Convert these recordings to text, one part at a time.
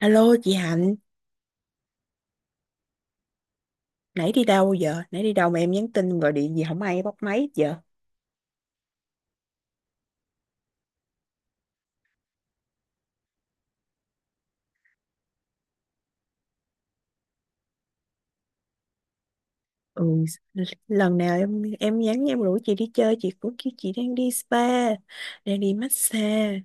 Alo chị Hạnh, nãy đi đâu giờ? Nãy đi đâu mà em nhắn tin gọi điện gì không ai bắt máy hết giờ? Ừ, lần nào em nhắn em rủ chị đi chơi, chị cũng kêu chị đang đi spa, đang đi massage.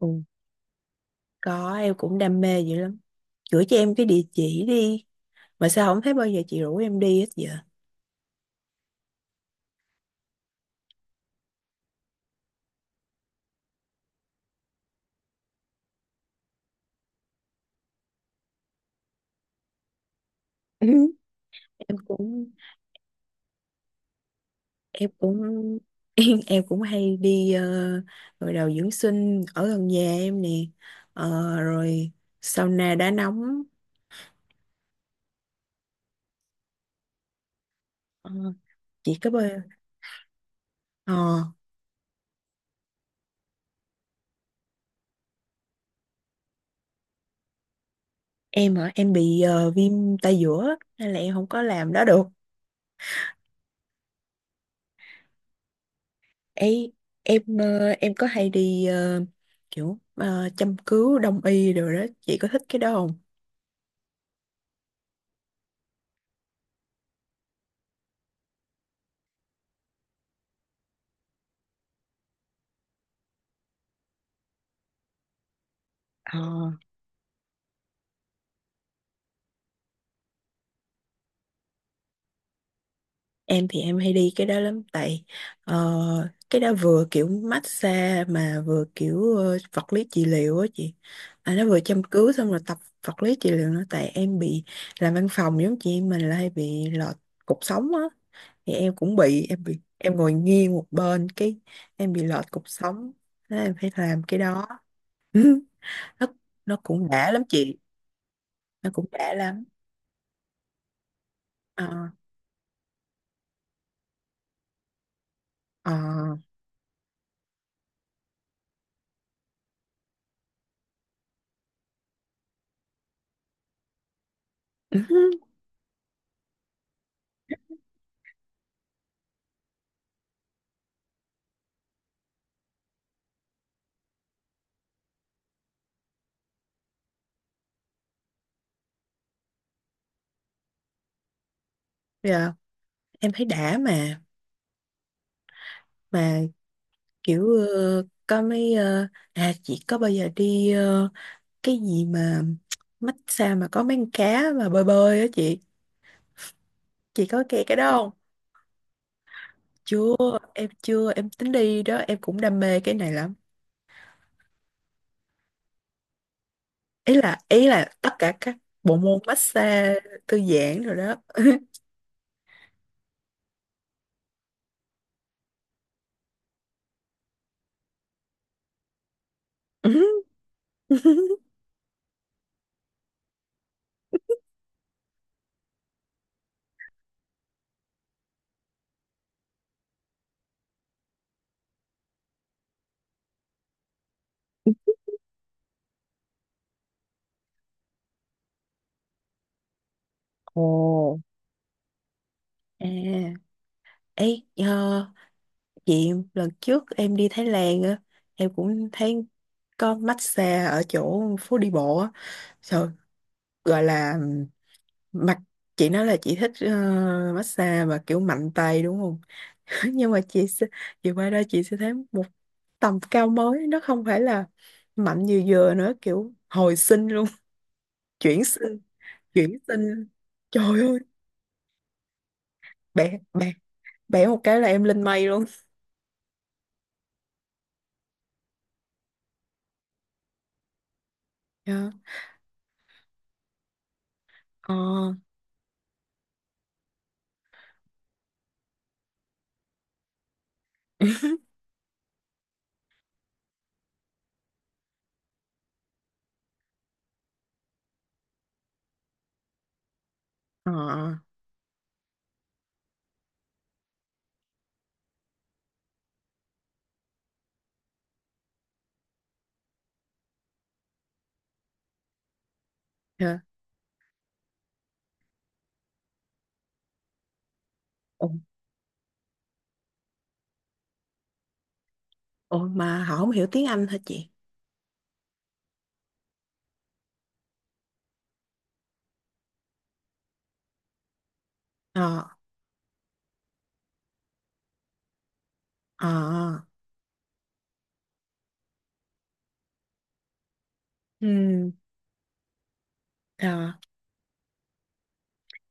Ừ, có, em cũng đam mê dữ lắm. Gửi cho em cái địa chỉ đi. Mà sao không thấy bao giờ chị rủ em đi hết giờ? Ừ, Em cũng em cũng, em cũng hay đi gội đầu dưỡng sinh ở gần nhà em nè. Ờ, rồi sauna đá nóng. ờ, chị cấp ơi, ờ, em hả? Em bị viêm tay giữa á, nên là em không có làm đó được, ấy. Em có hay đi, kiểu châm cứu đông y rồi đó, chị có thích cái đó không? ờ Em thì em hay đi cái đó lắm, tại ờ, cái đó vừa kiểu massage mà vừa kiểu vật lý trị liệu á chị. À, nó vừa châm cứu xong rồi tập vật lý trị liệu nữa, tại em bị làm văn phòng giống chị, mình là hay bị lọt cục sống á, thì em cũng bị, ngồi nghiêng một bên cái em bị lọt cục sống. Thế em phải làm cái đó. Ừ, nó nó cũng đã lắm chị, nó cũng đã lắm. ờ ờ dạ, em thấy đã Mà kiểu có mấy, à, chị có bao giờ đi cái gì mà massage mà có mấy con cá mà bơi bơi á chị có cái đó không? Chưa, em tính đi đó, em cũng đam mê cái này lắm. Ý là tất cả các bộ môn massage thư giãn rồi đó. Ồ, à, ấy chị, lần trước em đi Thái Lan á, em cũng thấy có massage ở chỗ phố đi bộ á. Trời, gọi là Mặt, chị nói là chị thích massage mà kiểu mạnh tay đúng không? Nhưng mà chị qua đây chị sẽ thấy một tầm cao mới, nó không phải là mạnh như vừa nữa, kiểu hồi sinh luôn. Chuyển sinh, chuyển sinh, trời ơi, bẻ bẻ bẻ một cái là em lên mây luôn. Dạ. ờ ờ dạ. Ồ, mà họ không hiểu tiếng Anh hả chị? ờ ờ ừ, ờ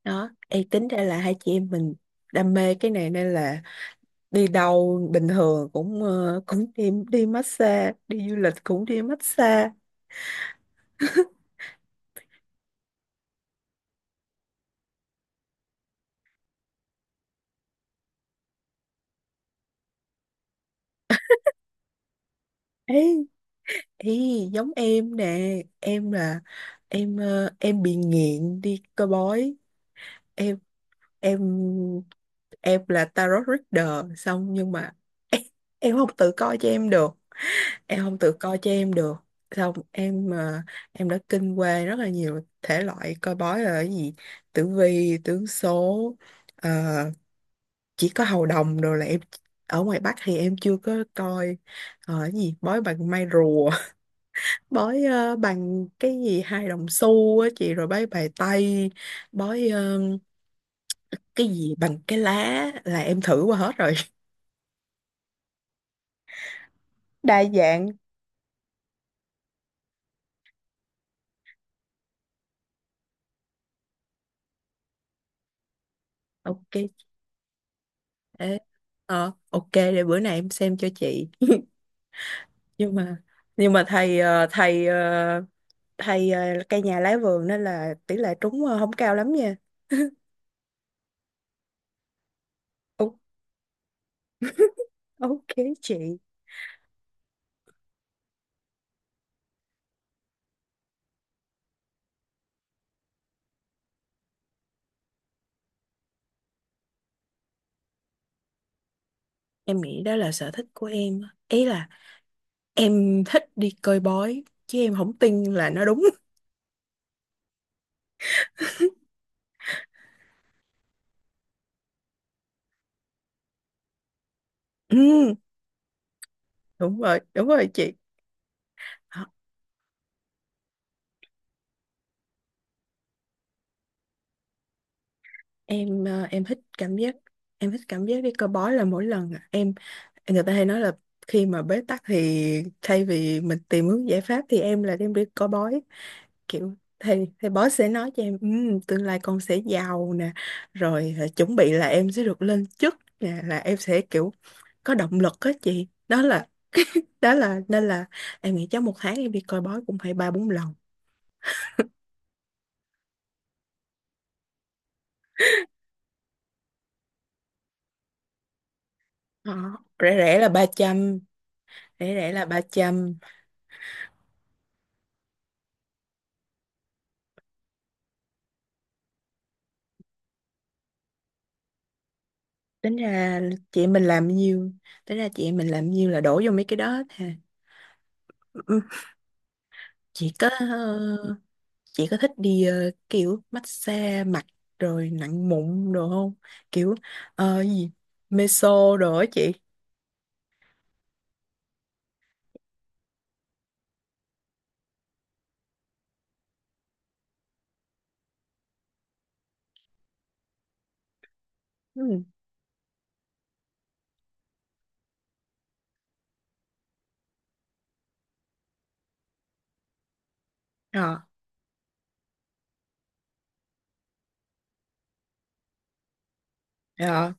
đó. Ê, tính ra là hai chị em mình đam mê cái này, nên là đi đâu bình thường cũng cũng đi đi massage, đi du lịch cũng đi massage. Ấy, ý giống em nè, em là em bị nghiện đi coi bói. Em em em là tarot reader xong nhưng mà em, em không tự coi cho em được, em không tự coi cho em được. Xong em đã kinh qua rất là nhiều thể loại coi bói là cái gì: tử vi, tướng số, ờ, chỉ có hầu đồng rồi là em ở ngoài Bắc thì em chưa có coi. Cái gì bói bằng may rùa, bói bằng cái gì hai đồng xu á chị, rồi bói bài tây, bói cái gì bằng cái lá là em thử qua hết rồi. Đa dạng. Ok. Ê, ok, để bữa nay em xem cho chị. Nhưng mà nhưng mà thầy ờ, thầy ờ, thầy cây nhà lá vườn nên là tỷ lệ trúng không cao lắm nha. O- ok chị. Em nghĩ đó là sở thích của em á. Ý là em thích đi coi bói, chứ em không tin là nó đúng. Ừ, đúng rồi chị. Ờ, em thích cảm giác em thích cảm giác đi coi bói là mỗi lần, à, em, người ta hay nói là khi mà bế tắc thì thay vì mình tìm hướng giải pháp thì em là đem đi coi bói, kiểu thầy thầy bói sẽ nói cho em: tương lai con sẽ giàu nè, rồi chuẩn bị là em sẽ được lên chức nè", là em sẽ kiểu có động lực á chị. Đó là, nên là em nghĩ chắc một tháng em đi coi bói cũng phải ba bốn lần. Đó, rẻ rẻ là 300, rẻ rẻ là ba trăm. tính ra chị em mình làm nhiêu Tính ra chị em mình làm nhiêu là đổ vô mấy cái đó hết ha. Ừ, chị có ờ, chị có thích đi kiểu massage mặt rồi nặng mụn đồ không, kiểu gì meso đồ á chị? Ừ. ờ ờ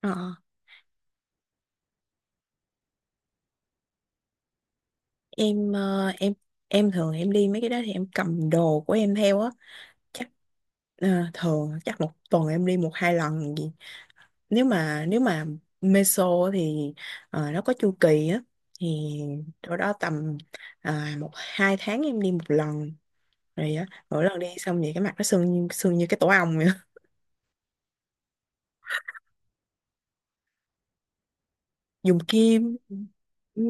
ờ. em ờ, em em thường đi mấy cái đó thì em cầm đồ của em theo á. Chắc thường chắc một tuần em đi một hai lần gì. Nếu mà meso thì nó có chu kỳ á, thì chỗ đó tầm một hai tháng em đi một lần rồi á, mỗi lần đi xong vậy cái mặt nó sưng như cái tổ ong vậy á. Dùng kim. Ừ,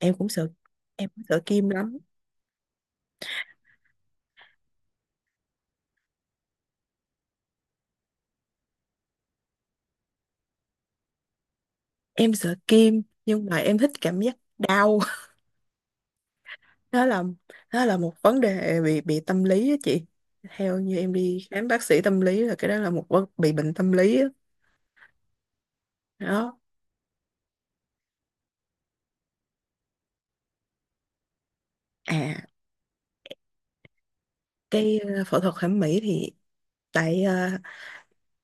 em cũng sợ em cũng sợ kim lắm. Em sợ kim nhưng mà em thích cảm giác đau, đó là, một vấn đề bị tâm lý á chị. Theo như em đi khám bác sĩ tâm lý là cái đó là một vấn bị bệnh tâm lý á. Đó. À, cái phẫu thuật thẩm mỹ thì tại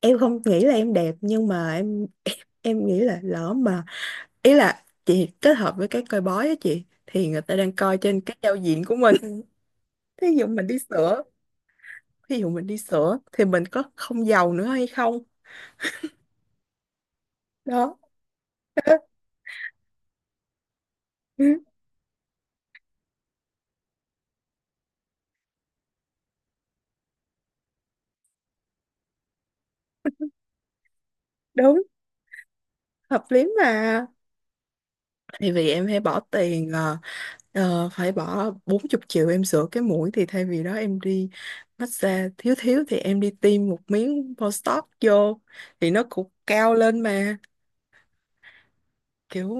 em không nghĩ là em đẹp nhưng mà em nghĩ là lỡ mà, ý là chị kết hợp với cái coi bói á chị, thì người ta đang coi trên cái giao diện của mình. thí dụ mình đi sửa Thí dụ mình đi sửa thì mình có không giàu nữa hay không? Đó. Ừ, đúng. Hợp lý mà. Thì vì em hay bỏ tiền, phải bỏ 40 triệu em sửa cái mũi thì thay vì đó em đi massage, thiếu thiếu thì em đi tiêm một miếng Botox vô thì nó cũng cao lên mà, kiểu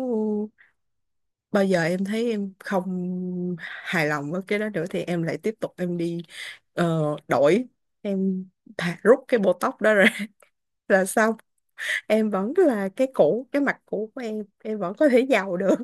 bao giờ em thấy em không hài lòng với cái đó nữa thì em lại tiếp tục em đi đổi. Em thà rút cái Botox đó ra, là xong, em vẫn là cái cũ, cái mặt cũ của em vẫn có thể giàu được.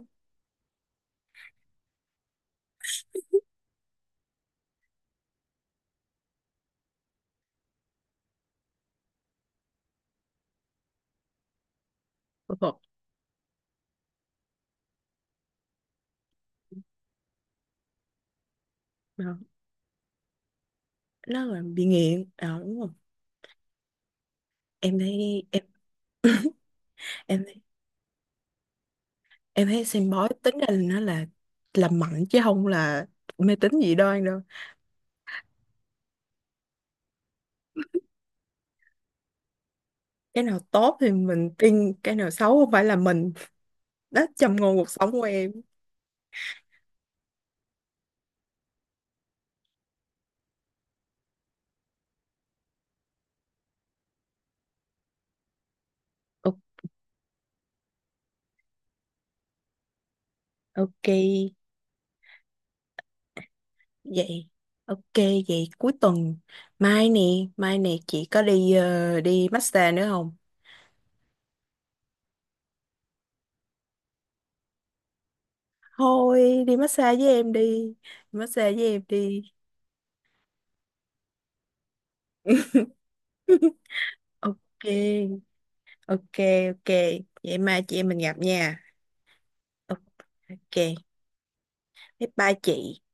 Ờ, nó là bị nghiện. Ờ, đúng rồi. Em thấy em, em thấy- em thấy xem bói tính ra là nó là làm mạnh chứ không là mê tín dị đoan đâu. Cái nào tốt thì mình tin, cái nào xấu không phải là mình. Đó, trầm ngôn cuộc sống của em. O- ok. Vậy ok. Vậy cuối tuần, mai nè, mai nè, chị có đi đi massage nữa không? Thôi đi massage với em đi, massage với em đi. Ok. Ok. Ok. Vậy mai chị em mình gặp nha. Ok. Bye bye chị.